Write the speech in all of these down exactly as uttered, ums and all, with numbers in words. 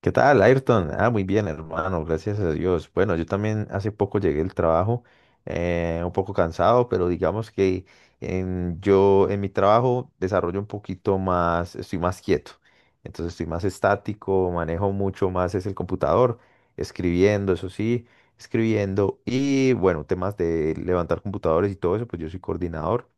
¿Qué tal, Ayrton? Ah, muy bien, hermano, gracias a Dios. Bueno, yo también hace poco llegué del trabajo, eh, un poco cansado, pero digamos que en- yo en mi trabajo desarrollo un poquito más, estoy más quieto, entonces estoy más estático, manejo mucho más es el computador, escribiendo, eso sí, escribiendo y bueno, temas de levantar computadores y todo eso, pues yo soy coordinador.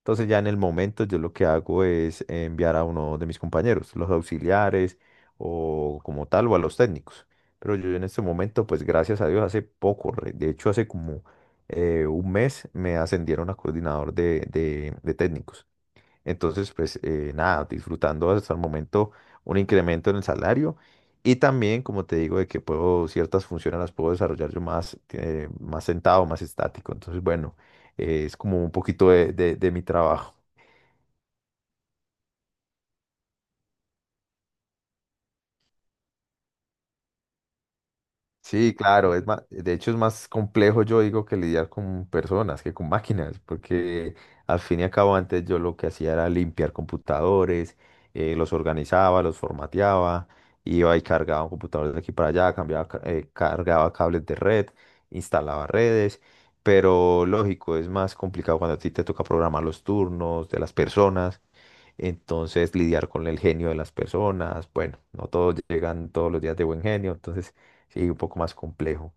Entonces ya en el momento yo lo que hago es enviar a uno de mis compañeros, los auxiliares o como tal o a los técnicos. Pero yo en este momento, pues gracias a Dios, hace poco, re- de hecho hace como eh, un mes me ascendieron a coordinador de, de- de técnicos. Entonces, pues eh, nada, disfrutando hasta el momento un incremento en el salario y también, como te digo, de que puedo, ciertas funciones las puedo desarrollar yo más, eh, más sentado, más estático. Entonces, bueno, eh, es como un poquito de de- de mi trabajo. Sí, claro, es más, de hecho es más complejo yo digo que lidiar con personas que con máquinas, porque al fin y al cabo antes yo lo que hacía era limpiar computadores, eh, los organizaba, los formateaba, iba y cargaba computadores de aquí para allá, cambiaba, ca- eh, cargaba cables de red, instalaba redes, pero lógico, es más complicado cuando a ti te toca programar los turnos de las personas. Entonces, lidiar con el genio de las personas, bueno, no todos llegan todos los días de buen genio, entonces sí, un poco más complejo.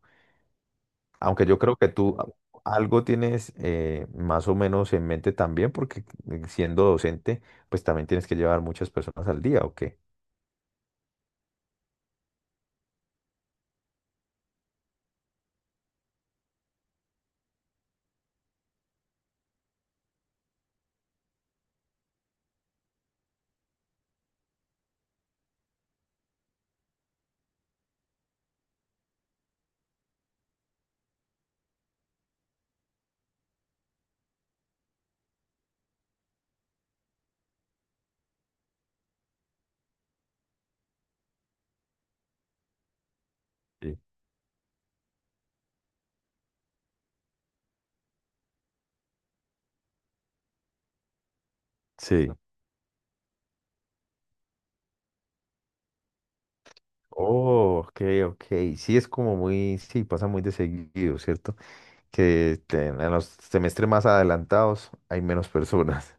Aunque yo creo que tú a- algo tienes eh, más o menos en mente también, porque eh, siendo docente, pues también tienes que llevar muchas personas al día, ¿o qué? Sí. Sí, oh, ok, ok. Sí, es como muy, sí, pasa muy de seguido, ¿cierto? Que te- en los semestres más adelantados hay menos personas.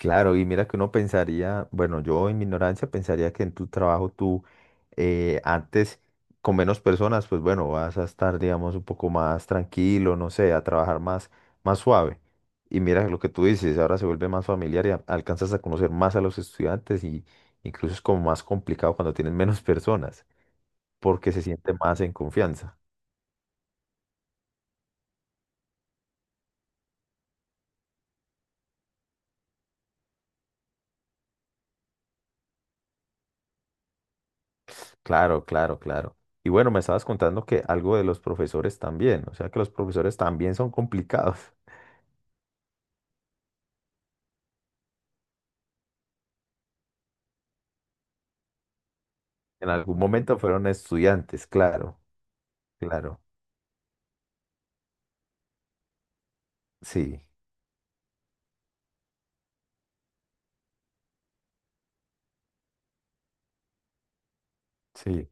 Claro, y mira que uno pensaría, bueno, yo en mi ignorancia pensaría que en tu trabajo tú eh, antes con menos personas, pues bueno, vas a estar, digamos, un poco más tranquilo, no sé, a trabajar más, más suave. Y mira lo que tú dices, ahora se vuelve más familiar y a- alcanzas a conocer más a los estudiantes y incluso es como más complicado cuando tienes menos personas, porque se siente más en confianza. Claro, claro, claro. Y bueno, me estabas contando que algo de los profesores también, o sea que los profesores también son complicados. En algún momento fueron estudiantes, claro, claro, sí, sí.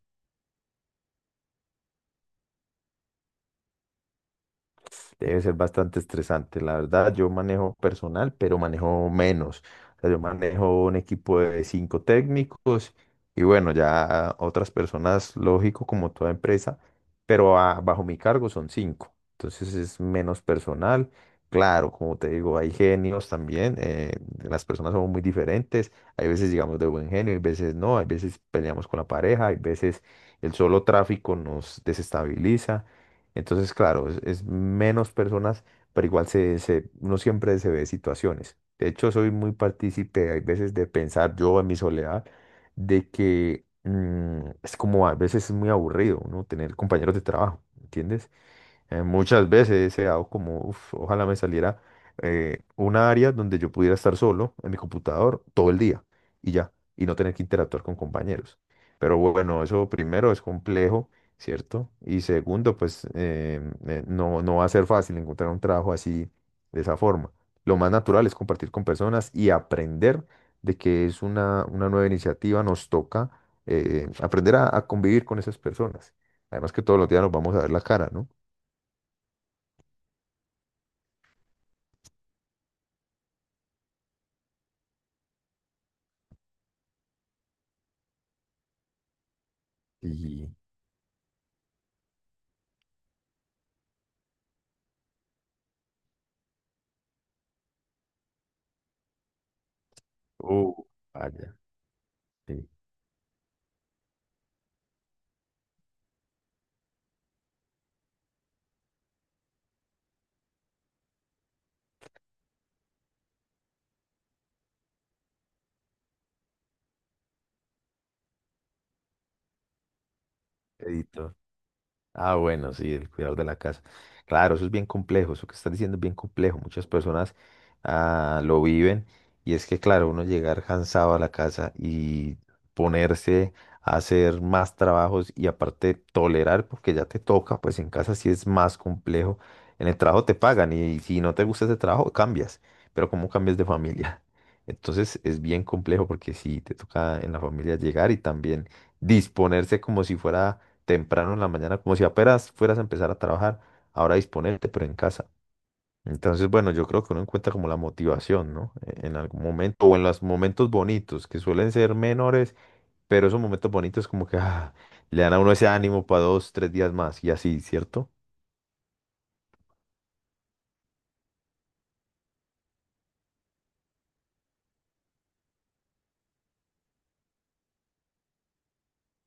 Debe ser bastante estresante, la verdad. Yo manejo personal, pero manejo menos. O sea, yo manejo un equipo de cinco técnicos y bueno, ya otras personas, lógico, como toda empresa, pero ah, bajo mi cargo son cinco. Entonces es menos personal. Claro, como te digo, hay genios también. Eh, las personas son muy diferentes. Hay veces digamos, de buen genio, hay veces no. Hay veces peleamos con la pareja, hay veces el solo tráfico nos desestabiliza. Entonces, claro, es, es menos personas, pero igual se, se- uno siempre se ve situaciones. De hecho, soy muy partícipe, hay veces de pensar yo en mi soledad, de que mm, es como a veces es muy aburrido, ¿no? Tener compañeros de trabajo, ¿entiendes? Eh, muchas veces he deseado como, "Uf, ojalá me saliera eh, una área donde yo pudiera estar solo en mi computador todo el día y ya, y no tener que interactuar con compañeros. Pero bueno, eso primero es complejo, ¿cierto? Y segundo, pues eh, eh, no, no va a ser fácil encontrar un trabajo así, de esa forma. Lo más natural es compartir con personas y aprender de que es una, una nueva iniciativa, nos toca eh, aprender a, a convivir con esas personas. Además que todos los días nos vamos a ver la cara, ¿no? Y, oh, vaya, sí, editó. Ah, bueno, sí, el cuidador de la casa. Claro, eso es bien complejo, eso que estás diciendo es bien complejo. Muchas personas ah, lo viven y es que, claro, uno llegar cansado a la casa y ponerse a hacer más trabajos y aparte tolerar porque ya te toca, pues en casa sí es más complejo. En el trabajo te pagan y si no te gusta ese trabajo, cambias, pero ¿cómo cambias de familia? Entonces es bien complejo porque sí, te toca en la familia llegar y también disponerse como si fuera temprano en la mañana, como si apenas fueras a empezar a trabajar, ahora disponerte, pero en casa. Entonces, bueno, yo creo que uno encuentra como la motivación, ¿no? E- En algún momento, o en los momentos bonitos, que suelen ser menores, pero esos momentos bonitos como que ah, le dan a uno ese ánimo para dos, tres días más, y así, ¿cierto?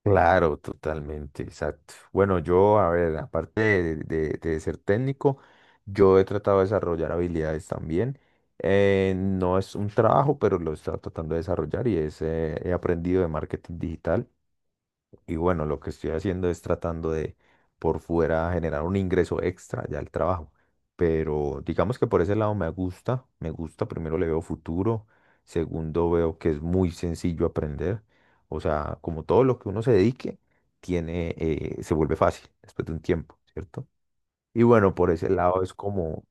Claro, totalmente, exacto. Bueno, yo, a ver, aparte de, de- de ser técnico, yo he tratado de desarrollar habilidades también. Eh, no es un trabajo, pero lo estoy tratando de desarrollar y es, eh, he aprendido de marketing digital. Y bueno, lo que estoy haciendo es tratando de por fuera generar un ingreso extra ya al trabajo. Pero digamos que por ese lado me gusta, me gusta, primero le veo futuro, segundo veo que es muy sencillo aprender. O sea, como todo lo que uno se dedique, tiene, eh, se vuelve fácil después de un tiempo, ¿cierto? Y bueno, por ese lado es como,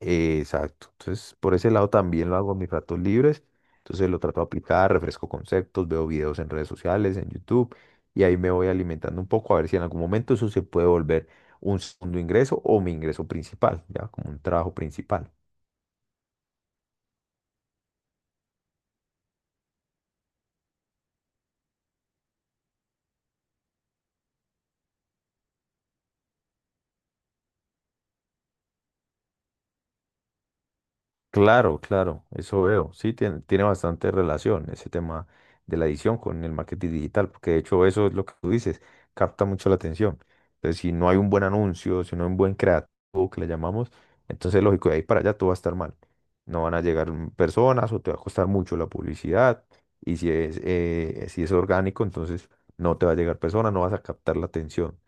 eh, exacto. Entonces, por ese lado también lo hago en mis ratos libres. Entonces lo trato de aplicar, refresco conceptos, veo videos en redes sociales, en YouTube, y ahí me voy alimentando un poco a ver si en algún momento eso se puede volver un segundo ingreso o mi ingreso principal, ya como un trabajo principal. Claro, claro, eso veo. Sí, tiene, tiene bastante relación ese tema de la edición con el marketing digital, porque de hecho eso es lo que tú dices, capta mucho la atención. Entonces, si no hay un buen anuncio, si no hay un buen creativo que le llamamos, entonces lógico, de ahí para allá todo va a estar mal. No van a llegar mm, personas o te va a costar mucho la publicidad. Y si es, eh, si es orgánico, entonces no te va a llegar personas, no vas a captar la atención.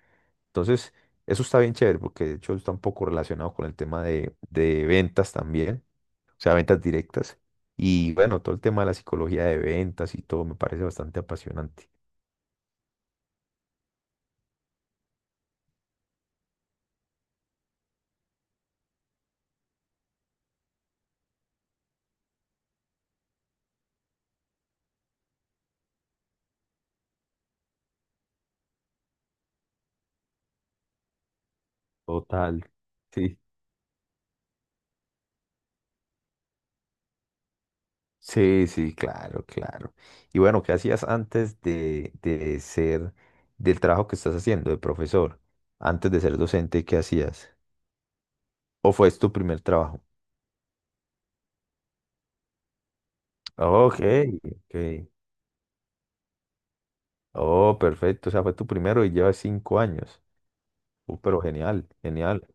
Entonces, eso está bien chévere, porque de hecho está un poco relacionado con el tema de de ventas también, o sea, ventas directas. Y bueno, todo el tema de la psicología de ventas y todo me parece bastante apasionante. Total. Sí. Sí, sí, claro, claro. Y bueno, ¿qué hacías antes de, de- ser del trabajo que estás haciendo, de profesor? Antes de ser docente, ¿qué hacías? ¿O fue tu primer trabajo? Ok, ok. Oh, perfecto. O sea, fue tu primero y llevas cinco años. Uh, pero genial, genial.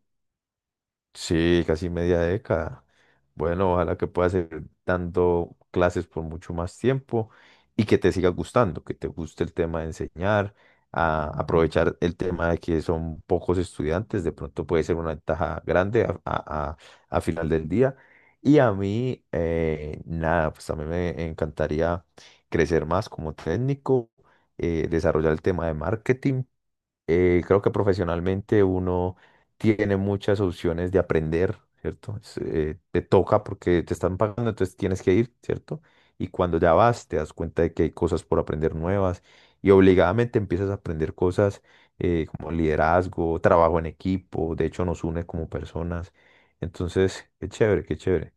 Sí, casi media década. Bueno, ojalá que puedas seguir dando clases por mucho más tiempo y que te siga gustando, que te guste el tema de enseñar, a aprovechar el tema de que son pocos estudiantes, de pronto puede ser una ventaja grande a, a- a- a final del día. Y a mí, eh, nada, pues también me encantaría crecer más como técnico, eh, desarrollar el tema de marketing, eh, creo que profesionalmente uno tiene muchas opciones de aprender, ¿cierto? Es, eh, te toca porque te están pagando, entonces tienes que ir, ¿cierto? Y cuando ya vas, te das cuenta de que hay cosas por aprender nuevas y obligadamente empiezas a aprender cosas eh, como liderazgo, trabajo en equipo, de hecho nos une como personas. Entonces, qué chévere, qué chévere.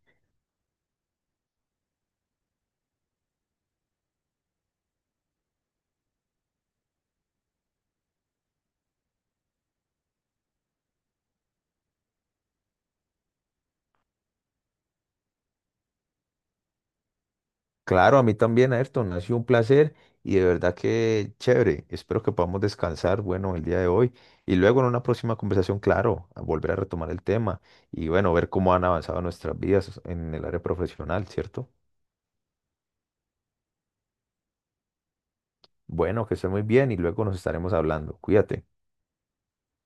Claro, a mí también, Ayrton, ha sido un placer y de verdad que chévere. Espero que podamos descansar, bueno, el día de hoy y luego en una próxima conversación, claro, a volver a retomar el tema y bueno, ver cómo han avanzado nuestras vidas en el área profesional, ¿cierto? Bueno, que esté muy bien y luego nos estaremos hablando. Cuídate.